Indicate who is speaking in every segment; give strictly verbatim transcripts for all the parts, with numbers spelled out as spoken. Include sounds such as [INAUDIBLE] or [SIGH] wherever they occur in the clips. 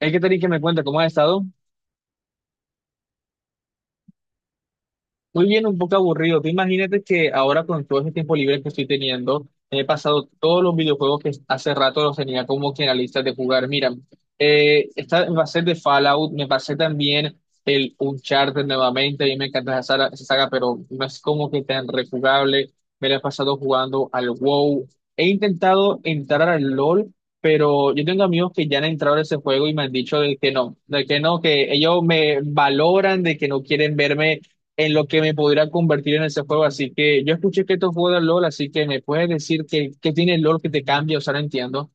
Speaker 1: Hay que tener que me cuenta cómo has estado. Muy bien, un poco aburrido. Tú imagínate que ahora con todo ese tiempo libre que estoy teniendo, he pasado todos los videojuegos que hace rato los tenía como que en la lista de jugar. Mira, eh, esta va a ser de Fallout, me pasé también el Uncharted nuevamente, a mí me encanta esa saga, esa saga, pero no es como que tan rejugable. Me la he pasado jugando al WoW. He intentado entrar al LoL, pero yo tengo amigos que ya han entrado a ese juego y me han dicho de que no, de que no, que ellos me valoran, de que no quieren verme en lo que me podría convertir en ese juego. Así que yo escuché que esto fue de LOL, así que me puedes decir que, que tiene el LOL que te cambia, o sea, no entiendo.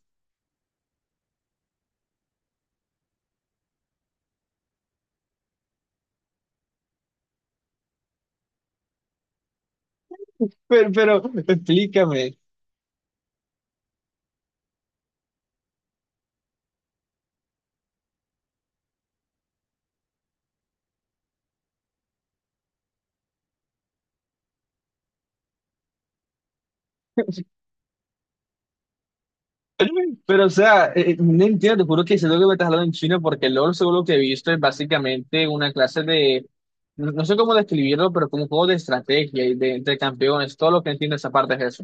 Speaker 1: Pero, pero explícame. Pero, o sea, eh, no entiendo, te juro que siento que me estás hablando en chino porque LOL, según lo que he visto, es básicamente una clase de, no, no sé cómo describirlo, pero como un juego de estrategia y de entre campeones. Todo lo que entiendo esa parte es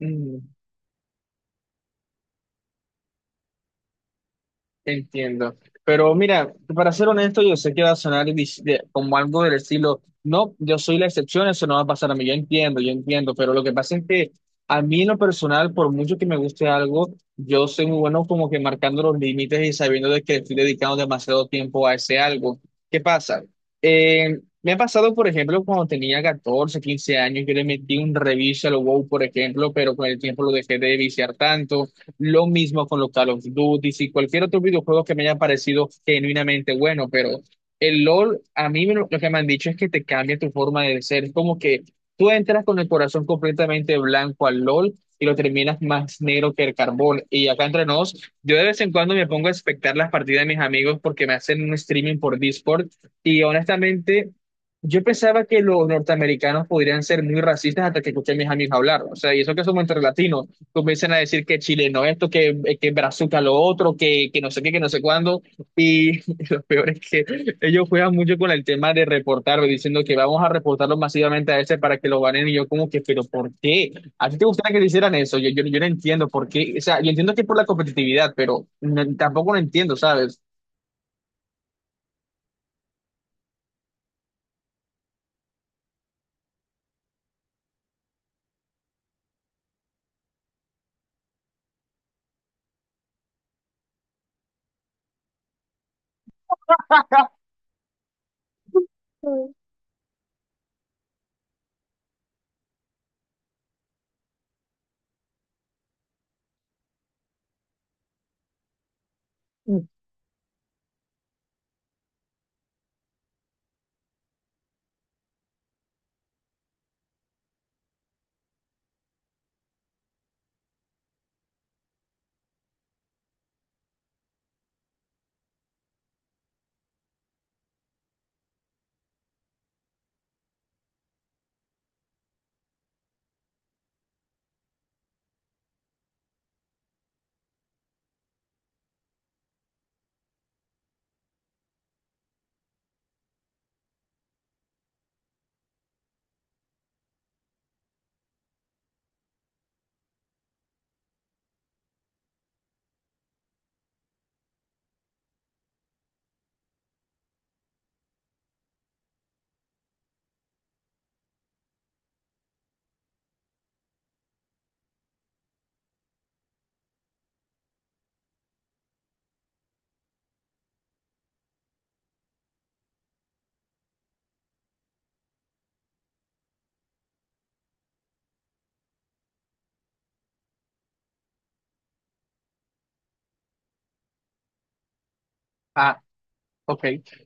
Speaker 1: eso. Entiendo. Pero mira, para ser honesto, yo sé que va a sonar dis- de- como algo del estilo, no, yo soy la excepción, eso no va a pasar a mí, yo entiendo, yo entiendo, pero lo que pasa es que a mí en lo personal, por mucho que me guste algo, yo soy muy bueno como que marcando los límites y sabiendo de que estoy dedicando demasiado tiempo a ese algo. ¿Qué pasa? Eh, me ha pasado, por ejemplo, cuando tenía catorce quince años, yo le metí un reviso a lo WoW, por ejemplo, pero con el tiempo lo dejé de viciar tanto. Lo mismo con los Call of Duty y cualquier otro videojuego que me haya parecido genuinamente bueno, pero el LOL, a mí me lo, lo que me han dicho es que te cambia tu forma de ser. Es como que tú entras con el corazón completamente blanco al LOL y lo terminas más negro que el carbón. Y acá entre nos, yo de vez en cuando me pongo a espectar las partidas de mis amigos porque me hacen un streaming por Discord y honestamente... Yo pensaba que los norteamericanos podrían ser muy racistas hasta que escuché a mis amigos hablar, o sea, y eso que somos entre latinos, comienzan a decir que chileno esto, que, eh, que brazuca lo otro, que, que no sé qué, que no sé cuándo. Y [LAUGHS] lo peor es que ellos juegan mucho con el tema de reportarlo, diciendo que vamos a reportarlo masivamente a ese para que lo ganen. Y yo como que, pero ¿por qué? ¿A ti te gustaría que te hicieran eso? Yo, yo, yo no entiendo por qué. O sea, yo entiendo que por la competitividad, pero no- tampoco lo entiendo, ¿sabes? Ah, ok,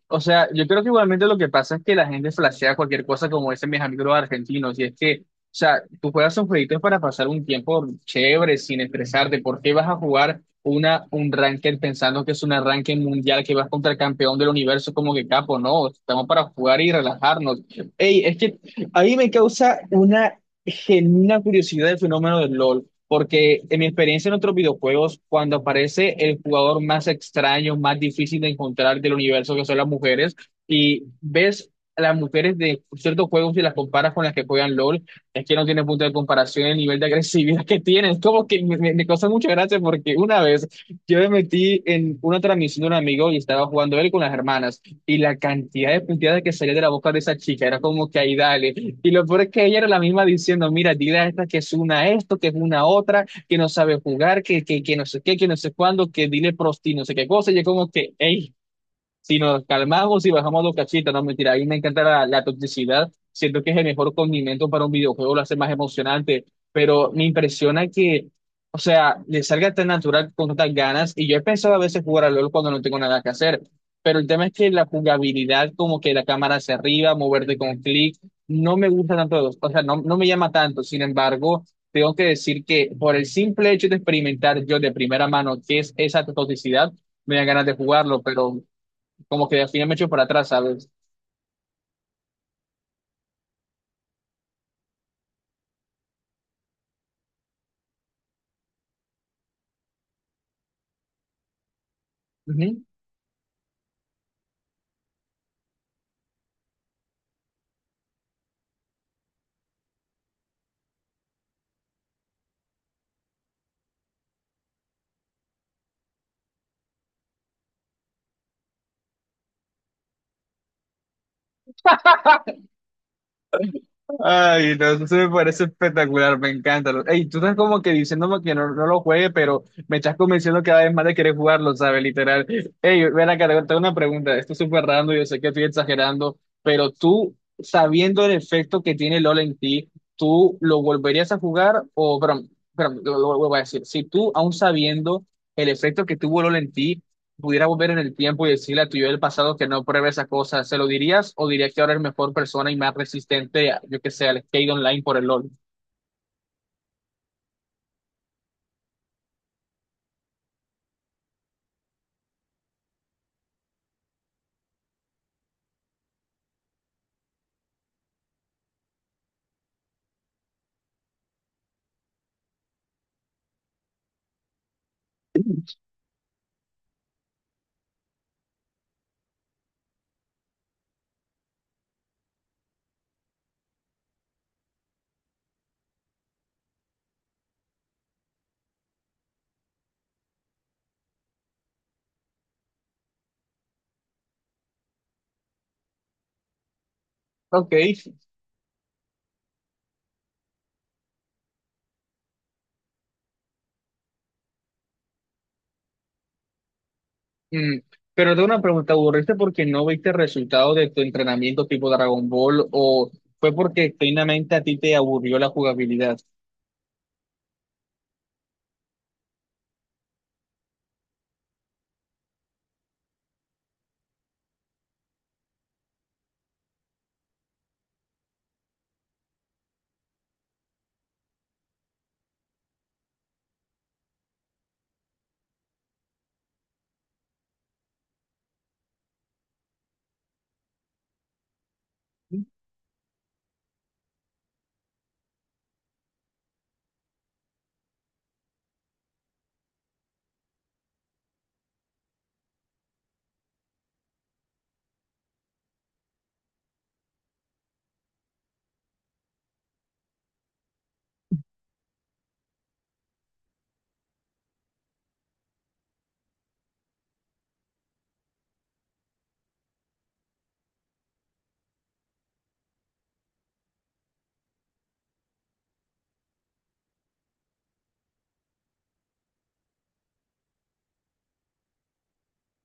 Speaker 1: o sea, yo creo que igualmente lo que pasa es que la gente flashea cualquier cosa como dicen mis amigos los argentinos, y es que, o sea, tú juegas un jueguito para pasar un tiempo chévere, sin estresarte, ¿por qué vas a jugar una, un ranked pensando que es un arranque mundial, que vas contra el campeón del universo como que capo? No, estamos para jugar y relajarnos. Ey, es que a mí me causa una genuina curiosidad el fenómeno del LOL. Porque en mi experiencia en otros videojuegos, cuando aparece el jugador más extraño, más difícil de encontrar del universo, que son las mujeres, y ves a las mujeres de ciertos juegos y las comparas con las que juegan LOL, es que no tiene punto de comparación el nivel de agresividad que tienen. Es como que me, me, me causa mucha gracia porque una vez yo me metí en una transmisión de un amigo y estaba jugando él con las hermanas, y la cantidad de puntadas que salía de la boca de esa chica era como que ahí dale y lo peor es que ella era la misma diciendo, mira, dile a esta que es una esto, que es una otra, que no sabe jugar, que, que, que no sé qué, que no sé cuándo, que dile prosti, no sé qué cosa. Y yo como que, hey, si nos calmamos y bajamos los cachitos, no mentira, a mí me encanta la, la toxicidad. Siento que es el mejor condimento para un videojuego, lo hace más emocionante, pero me impresiona que, o sea, le salga tan natural con tantas ganas. Y yo he pensado a veces jugar al LOL cuando no tengo nada que hacer, pero el tema es que la jugabilidad, como que la cámara hacia arriba, moverte con clic, no me gusta tanto, o sea, no, no me llama tanto. Sin embargo, tengo que decir que por el simple hecho de experimentar yo de primera mano qué es esa toxicidad, me dan ganas de jugarlo, pero como que al final me echo para atrás, ¿sabes? Ujú. Ay, no, eso sí me parece espectacular, me encanta. Ey, tú estás como que diciéndome que no, no lo juegue, pero me estás convenciendo cada vez más de querer jugarlo, ¿sabes? Literal. Ey, ven acá, te tengo una pregunta. Esto es súper random, yo sé que estoy exagerando, pero tú, sabiendo el efecto que tiene LOL en ti, ¿tú lo volverías a jugar? O, perdón, perdón, lo, lo- lo voy a decir. Si tú, aún sabiendo el efecto que tuvo LOL en ti, pudiera volver en el tiempo y decirle a tu yo del pasado que no pruebe esa cosa, ¿se lo dirías o dirías que ahora es mejor persona y más resistente, a, yo que sé, al skate online por el LOL? Ok, mm, pero tengo una pregunta, ¿aburriste porque no viste el resultado de tu entrenamiento tipo Dragon Ball o fue porque genuinamente a ti te aburrió la jugabilidad?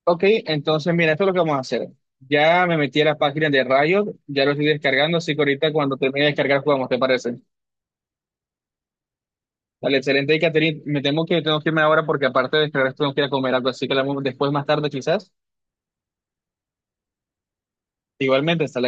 Speaker 1: Ok, entonces mira, esto es lo que vamos a hacer. Ya me metí a la página de Riot, ya lo estoy descargando, así que ahorita cuando termine de descargar jugamos, ¿te parece? Vale, excelente. Y Catherine, me temo que tengo que irme ahora porque aparte de descargar esto, tengo que ir a comer algo, así que hablamos después más tarde quizás. Igualmente, hasta luego.